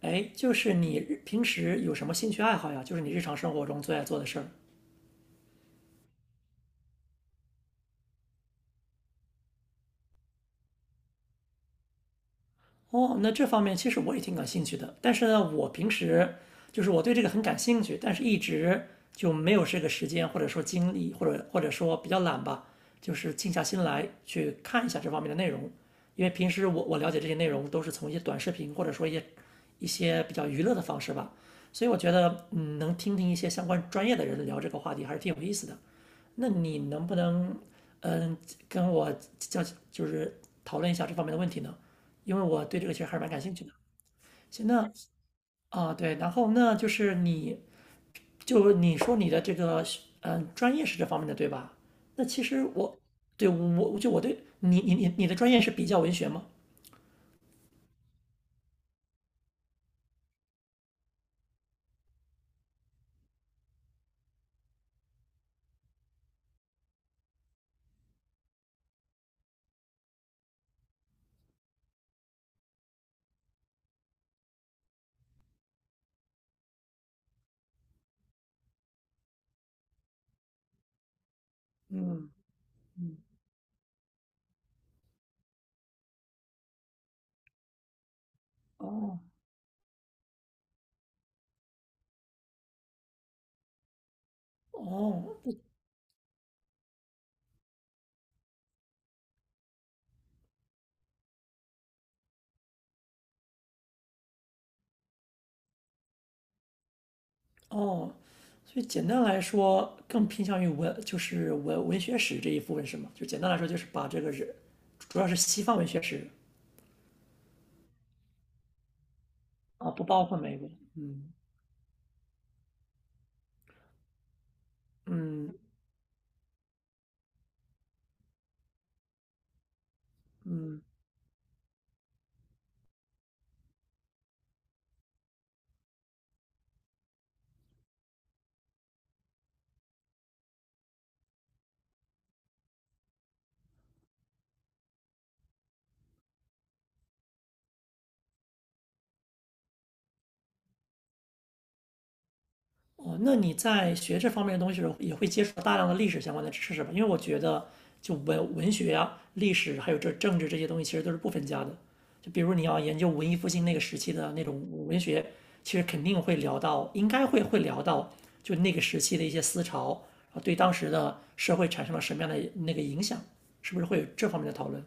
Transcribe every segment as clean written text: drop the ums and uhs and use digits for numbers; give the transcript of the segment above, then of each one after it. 哎，就是你平时有什么兴趣爱好呀？就是你日常生活中最爱做的事儿。哦，那这方面其实我也挺感兴趣的，但是呢，我平时就是我对这个很感兴趣，但是一直就没有这个时间，或者说精力，或者说比较懒吧，就是静下心来去看一下这方面的内容。因为平时我了解这些内容都是从一些短视频，或者说一些比较娱乐的方式吧，所以我觉得能听听一些相关专业的人聊这个话题还是挺有意思的。那你能不能嗯跟我交，就是讨论一下这方面的问题呢？因为我对这个其实还是蛮感兴趣的。行，那啊，对，然后那就是你就你说你的这个专业是这方面的对吧？那其实我对，我就我对你的专业是比较文学吗？嗯，哦，哦不，哦，所以简单来说，更偏向于文，就是文学史这一部分是吗？就简单来说，就是把这个人，主要是西方文学史啊，不包括美国。嗯，嗯，嗯，哦，那你在学这方面的东西的时候，也会接触到大量的历史相关的知识吧？因为我觉得，就文学啊、历史还有这政治这些东西，其实都是不分家的。就比如你要研究文艺复兴那个时期的那种文学，其实肯定会聊到，应该会聊到，就那个时期的一些思潮，啊，对当时的社会产生了什么样的那个影响，是不是会有这方面的讨论？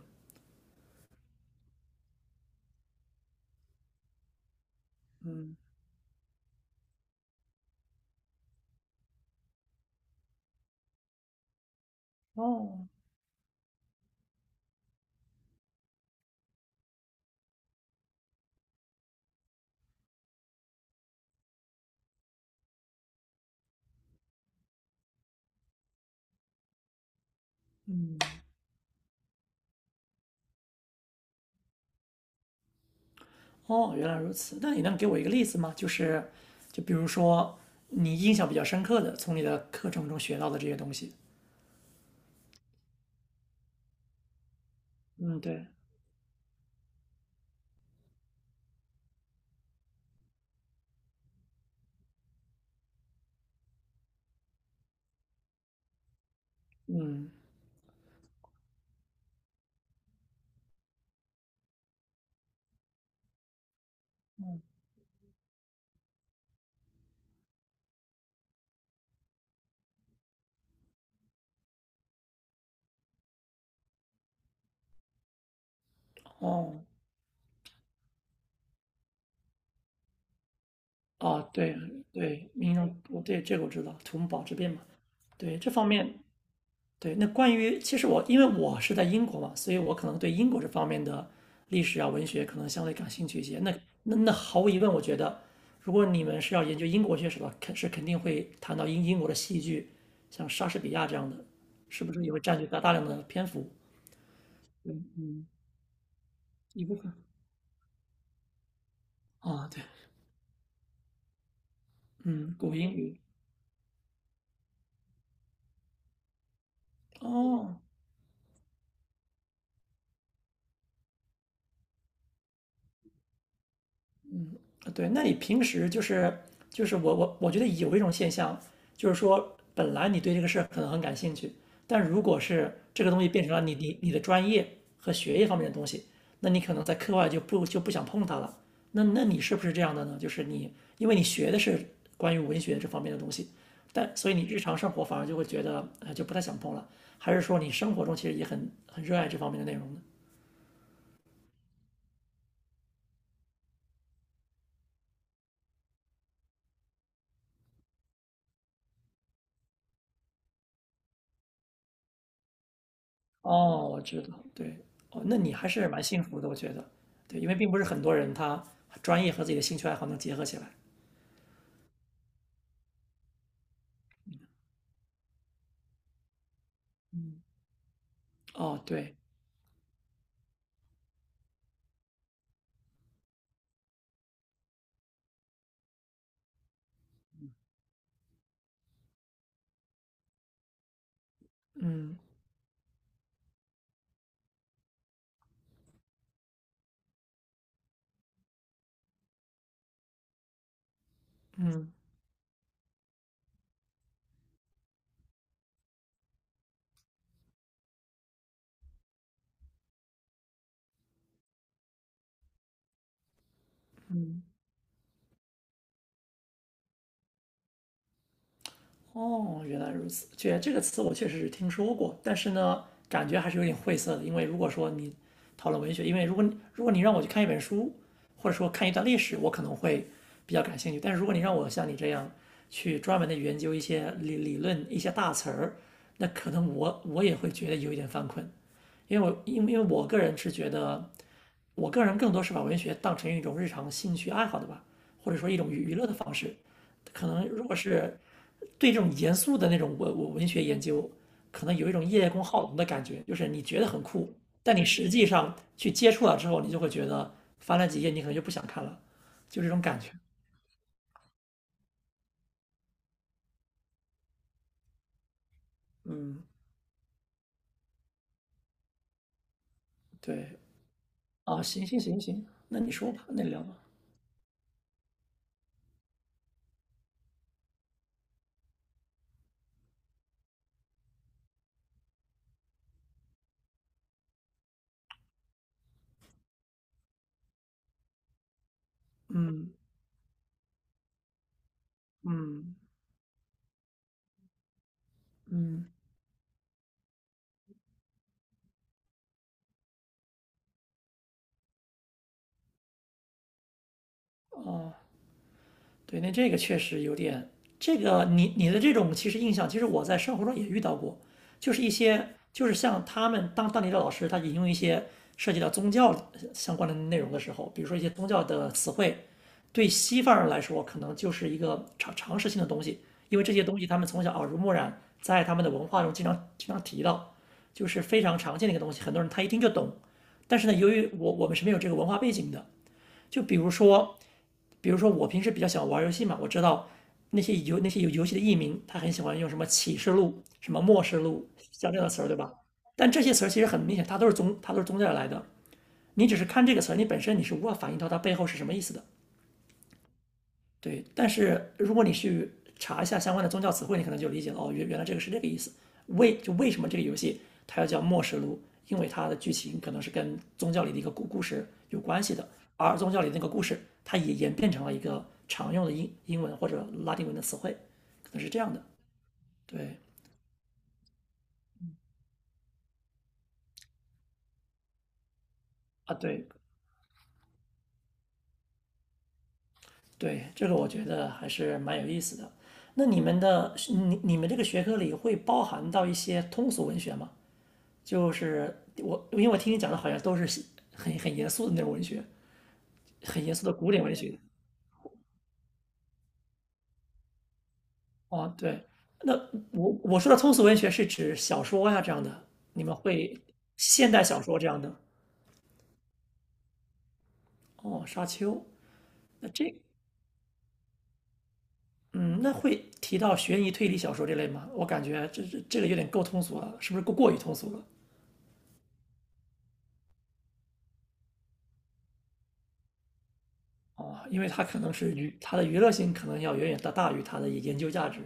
哦，原来如此。那你能给我一个例子吗？就是，就比如说你印象比较深刻的，从你的课程中学到的这些东西。嗯，对，嗯，哦，哦，对，对，民众，我对这个我知道，土木堡之变嘛。对，这方面，对，那关于，其实我因为我是在英国嘛，所以我可能对英国这方面的历史啊、文学可能相对感兴趣一些。那，那那毫无疑问，我觉得如果你们是要研究英国学史的话，肯是肯定会谈到英国的戏剧，像莎士比亚这样的，是不是也会占据大量的篇幅一部分啊？对，嗯，古英语，哦，对，那你平时就是，就是我觉得有一种现象，就是说本来你对这个事儿可能很感兴趣，但如果是这个东西变成了你的专业和学业方面的东西，那你可能在课外就不想碰它了。那，那你是不是这样的呢？就是你，因为你学的是关于文学这方面的东西，但所以你日常生活反而就会觉得就不太想碰了，还是说你生活中其实也很热爱这方面的内容呢？哦，我知道，对，哦，那你还是蛮幸福的，我觉得，对，因为并不是很多人他专业和自己的兴趣爱好能结合起来。哦，对，嗯，嗯。哦，原来如此。确，这个词我确实是听说过，但是呢，感觉还是有点晦涩的。因为如果说你讨论文学，因为如果你，如果你让我去看一本书，或者说看一段历史，我可能会比较感兴趣。但是如果你让我像你这样去专门的研究一些理论、一些大词儿，那可能我也会觉得有一点犯困，因为我，因为我个人是觉得，我个人更多是把文学当成一种日常兴趣爱好的吧，或者说一种娱乐的方式。可能如果是对这种严肃的那种，文，我文学研究，可能有一种叶公好龙的感觉，就是你觉得很酷，但你实际上去接触了之后，你就会觉得翻了几页你可能就不想看了，就这种感觉。嗯，对，啊，行行行行，那你说吧，那你聊吧。嗯，嗯，嗯，哦、对，那这个确实有点，这个你你的这种其实印象，其实我在生活中也遇到过，就是一些，就是像他们当地的老师，他引用一些涉及到宗教相关的内容的时候，比如说一些宗教的词汇，对西方人来说可能就是一个常识性的东西，因为这些东西他们从小耳濡目染，在他们的文化中经常提到，就是非常常见的一个东西，很多人他一听就懂。但是呢，由于我们是没有这个文化背景的，就比如说我平时比较喜欢玩游戏嘛，我知道那些游，那些游戏的艺名，他很喜欢用什么启示录、什么末世录，像这样的词儿，对吧？但这些词儿其实很明显，它都是宗教来的。你只是看这个词儿，你本身你是无法反映到它背后是什么意思的。对，但是如果你去查一下相关的宗教词汇，你可能就理解了，哦，原来这个是这个意思。为什么这个游戏它要叫《末世录》，因为它的剧情可能是跟宗教里的一个故事有关系的，而宗教里的那个故事，它也演变成了一个常用的英文或者拉丁文的词汇，可能是这样的。对啊，对，对，这个我觉得还是蛮有意思的。那你们的你，你们这个学科里会包含到一些通俗文学吗？就是我，因为我听你讲的好像都是很严肃的那种文学，很严肃的古典文学。哦，对，那我说的通俗文学是指小说呀、这样的，你们会，现代小说这样的。哦，沙丘，那这，嗯，那会提到悬疑推理小说这类吗？我感觉这个有点够通俗了，是不是过于通俗了？哦，因为它可能是娱，它的娱乐性可能要远远大于它的研究价值。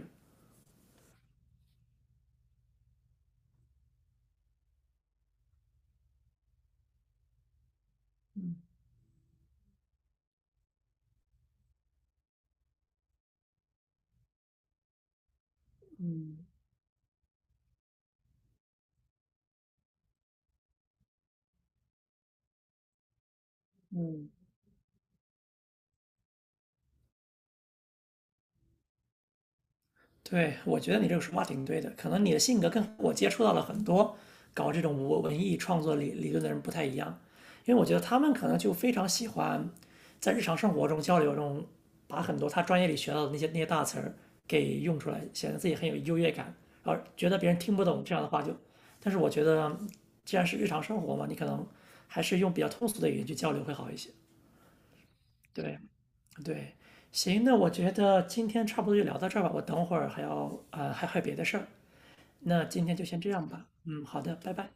对，我觉得你这个说法挺对的。可能你的性格跟我接触到了很多搞这种文艺创作理论的人不太一样，因为我觉得他们可能就非常喜欢在日常生活中交流中，把很多他专业里学到的那些大词儿给用出来，显得自己很有优越感，然后觉得别人听不懂这样的话就。但是我觉得，既然是日常生活嘛，你可能还是用比较通俗的语言去交流会好一些。对，对，行，那我觉得今天差不多就聊到这儿吧，我等会儿还要，还有别的事儿，那今天就先这样吧。嗯，好的，拜拜。